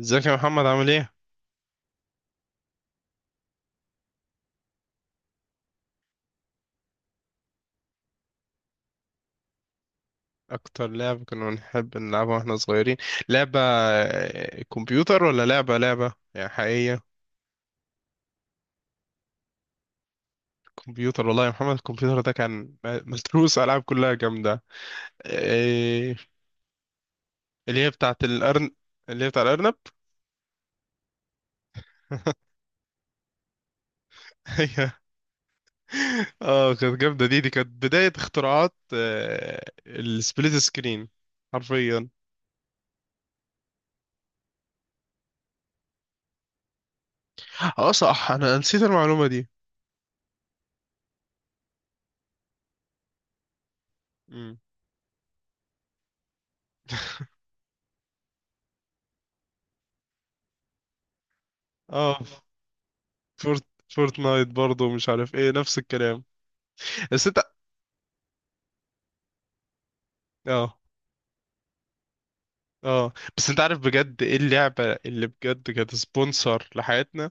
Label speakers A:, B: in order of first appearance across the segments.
A: ازيك يا محمد عامل ايه؟ أكتر لعبة كنا بنحب نلعبها واحنا صغيرين لعبة كمبيوتر ولا لعبة يعني حقيقية. كمبيوتر والله يا محمد الكمبيوتر ده كان متروس ألعاب كلها جامدة. إيه اللي هي بتاعة الأرن، اللي هي بتاع الأرنب. هي اه كانت جامدة، دي كانت بداية اختراعات السبليت سكرين. حرفيا. اه صح أنا نسيت المعلومة دي. مم. اه فورت فورتنايت برضه مش عارف ايه، نفس الكلام. بس انت، اه. اه بس انت عارف بجد ايه اللعبة اللي بجد كانت سبونسر لحياتنا؟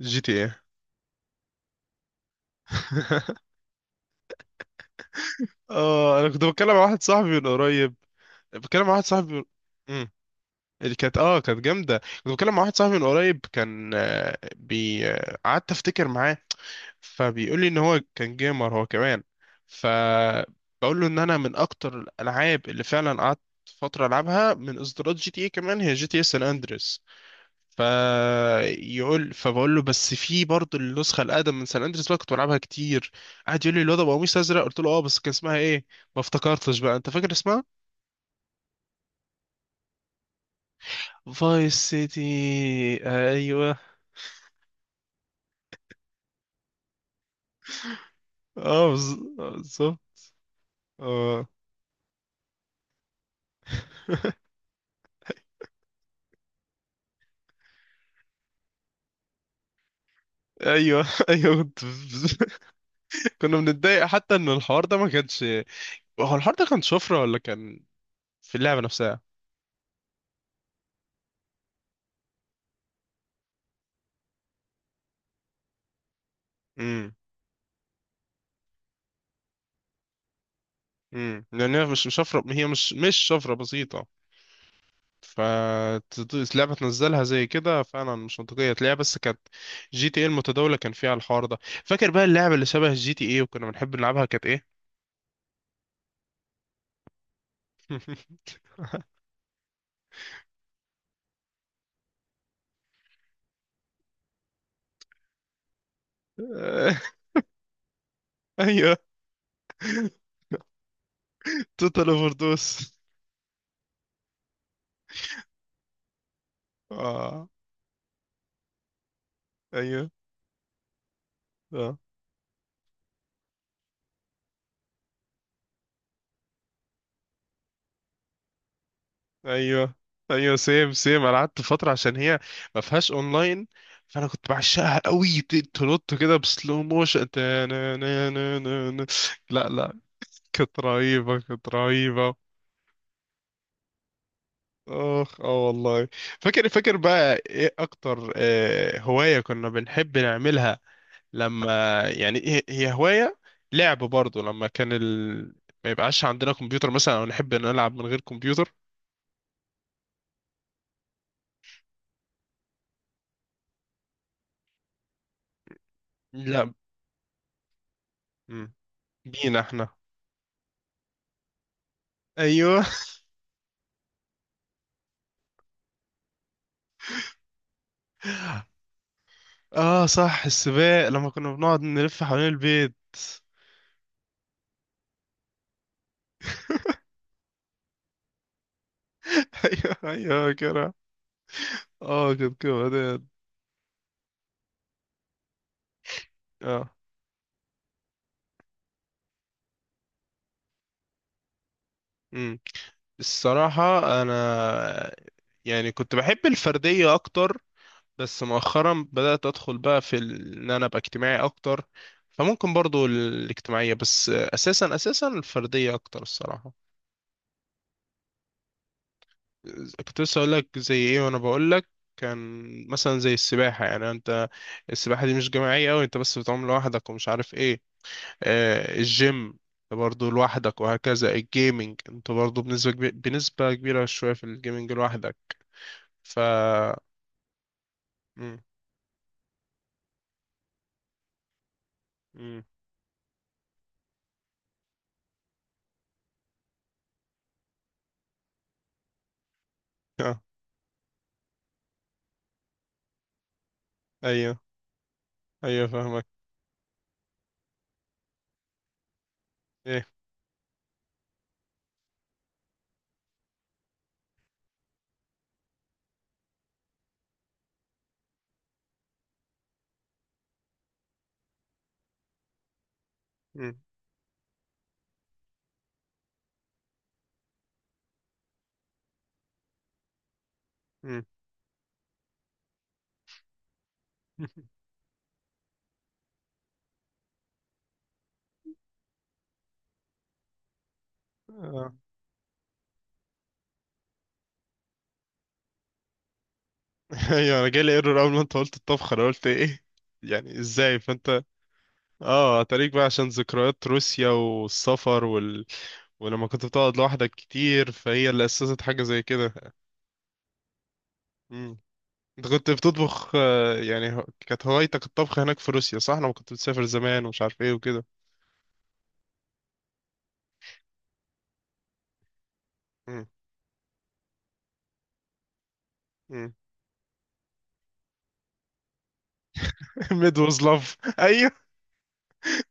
A: جي تي ايه. اه انا كنت بتكلم مع واحد صاحبي من قريب، بتكلم مع واحد صاحبي من... مم. اللي كانت اه كانت جامده. كنت بتكلم مع واحد صاحبي من قريب كان بي قعدت افتكر معاه، فبيقول لي ان هو كان جيمر هو كمان. ف بقول له ان انا من اكتر الالعاب اللي فعلا قعدت فتره العبها من اصدارات جي تي اي كمان هي جي تي اي سان اندريس. فيقول، فبقول له بس في برضه النسخه الاقدم من سان اندريس بقى كنت بلعبها كتير. قعد يقول لي الواد ابو قميص ازرق، قلت له اه بس كان اسمها ايه؟ ما افتكرتش بقى، انت فاكر اسمها؟ فايس سيتي، ايوه. اه بالظبط. اه. ايوه ايوه كنت كنا بنتضايق حتى ان الحوار ده ما كانش، هو الحوار ده كان شفره ولا كان في اللعبه نفسها؟ امم. امم، لان هي مش شفره، هي مش شفره بسيطه. فلعبة تنزلها زي كده فعلا مش منطقية تلاقيها، بس كانت جي تي ايه المتداولة كان فيها الحوار ده. فاكر بقى اللعبة اللي شبه جي تي ايه وكنا بنحب نلعبها كانت ايه؟ ايوه توتال اوفر دوس. اه ايوه. اه. ايوه ايوه سيم سيم، انا قعدت فترة عشان هي ما فيهاش اونلاين. فانا كنت بعشقها قوي، تنط كده بسلو موشن، تا- نا- نا- نا- نا- نا. لا لا، كانت رهيبة، كانت رهيبة. اخ اه والله. فاكر، فاكر بقى ايه اكتر هواية كنا بنحب نعملها لما، يعني هي هواية لعب برضه، لما كان ما يبقاش عندنا كمبيوتر مثلا، او نحب نلعب من غير كمبيوتر؟ لا. مم. بينا احنا. ايوه. اه صح، السباق لما كنا بنقعد نلف حوالين البيت. ايوه ايوه كده. اه كده كده اه. امم. الصراحة، انا يعني كنت بحب الفردية اكتر، بس مؤخرا بدأت أدخل بقى في إن أنا أبقى اجتماعي أكتر. فممكن برضو الاجتماعية، بس أساسا أساسا الفردية أكتر الصراحة. كنت لسه أقول لك زي إيه وأنا بقول لك، كان مثلا زي السباحة. يعني أنت السباحة دي مش جماعية أوي، أنت بس بتعوم لوحدك ومش عارف إيه. آه الجيم، أنت برضو لوحدك، وهكذا الجيمنج أنت برضو بنسبة كبيرة، بنسبة كبيرة شوية في الجيمنج لوحدك. ف مم. مم. آه. أيوه أيوه فاهمك. إيه. مم. مم. آه. ايوه انا جالي ايرور اول ما انت قلت الطبخه، انا قلت ايه يعني، ازاي؟ فانت اه هتاريك بقى عشان ذكريات روسيا والسفر ولما كنت بتقعد لوحدك كتير، فهي اللي اسست حاجه زي كده. مم. انت كنت بتطبخ يعني كانت هوايتك الطبخ هناك في روسيا صح؟ لما كنت بتسافر زمان ومش عارف ايه وكده. مم. مم. ميد واز لاف، ايوه.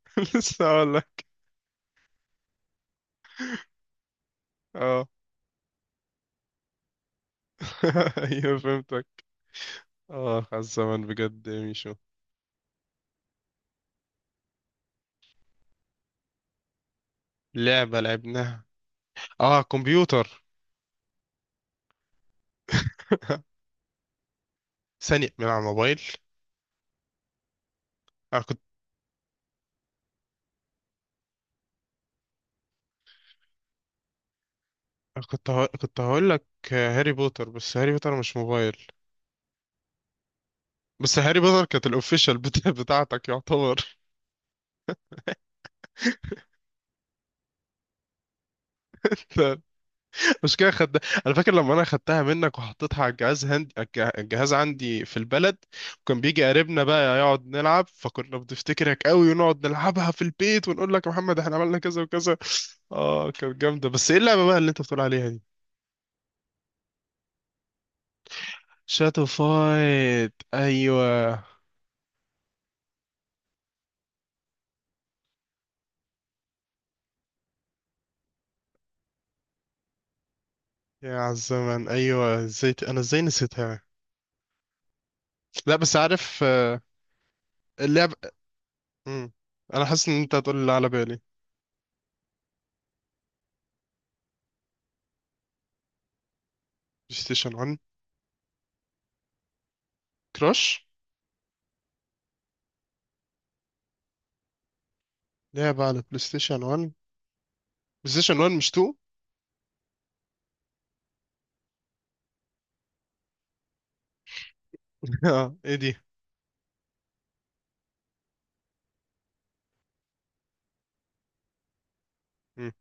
A: لسه هقول لك. اه. ايوه فهمتك. اه على الزمن بجد يا ميشو. لعبه لعبناها، اه كمبيوتر. ثانية من على الموبايل. أنا كنت، كنت هقول لك هاري بوتر، بس هاري بوتر مش موبايل. بس هاري بوتر كانت الاوفيشال بتاع بتاعتك يعتبر. مش كده خد. انا فاكر لما انا خدتها منك وحطيتها على الجهاز، هندي الجهاز عندي في البلد. وكان بيجي قريبنا بقى يقعد نلعب، فكنا بنفتكرك قوي ونقعد نلعبها في البيت ونقول لك يا محمد احنا عملنا كذا وكذا. اه كانت جامدة، بس ايه اللعبة بقى اللي انت بتقول عليها دي؟ شاتو فايت، ايوه. يا عالزمن، ايوه، ازاي انا ازاي نسيتها؟ لا بس عارف، اللعب. مم. انا حاسس ان انت هتقول اللي على بالي، بلاي ستيشن 1. كراش، لعبة على بلاي ستيشن 1، بلاي ستيشن 1 مش 2. اه ايه دي؟ مم.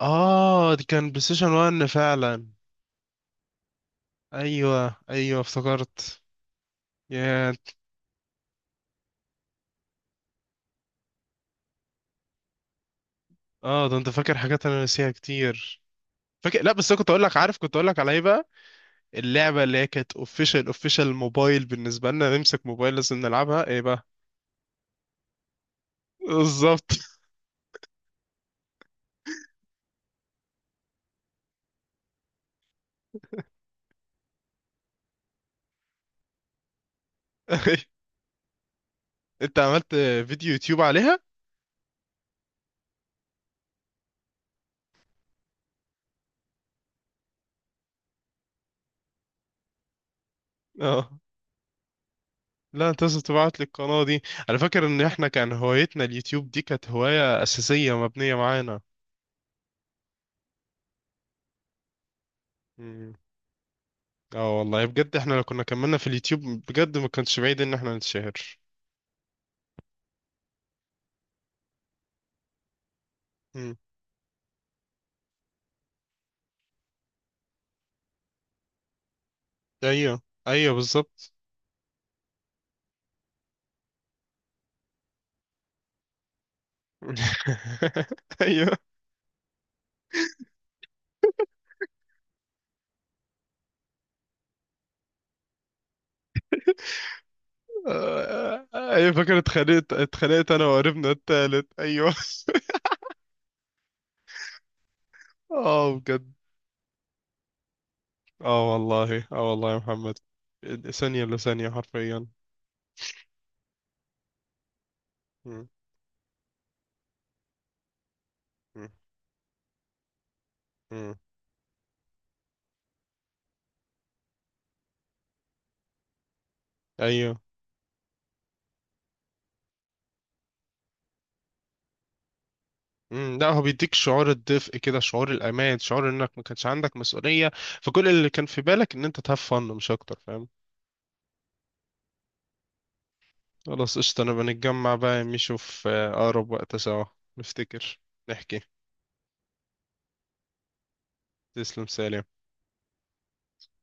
A: اه دي كان بلاي ستيشن 1 فعلا. ايوه ايوه افتكرت. يا، اه ده انت فاكر حاجات انا ناسيها كتير. فاكر، لا بس أنا كنت اقول لك، عارف كنت اقول لك على ايه بقى؟ اللعبه اللي هي كانت اوفيشال اوفيشال موبايل، بالنسبه لنا نمسك موبايل لازم نلعبها، ايه بقى؟ بالظبط. انت عملت فيديو يوتيوب عليها؟ اه. لا انت لازم تبعت لي القناة دي. انا فاكر ان احنا كان هوايتنا اليوتيوب دي، كانت هواية اساسية مبنية معانا. مم. اه والله بجد احنا لو كنا كملنا في اليوتيوب بجد ما كانش بعيد ان احنا نتشهر. مم. ايوه ايوه بالظبط. ايوه. آه، ايوه فاكر، اتخانقت انا وقريبنا التالت، ايوه. اه بجد. اه والله، اه والله يا محمد، ثانية لثانية حرفيا. مم. مم. ايوه. مم. لا هو بيديك شعور الدفء كده، شعور الامان، شعور انك ما كانش عندك مسؤوليه. فكل اللي كان في بالك ان انت تهاف فن مش اكتر، فاهم. خلاص قشطه، نبقى نتجمع بقى يا ميشو في اقرب وقت سوا. نفتكر، نحكي. تسلم سالم.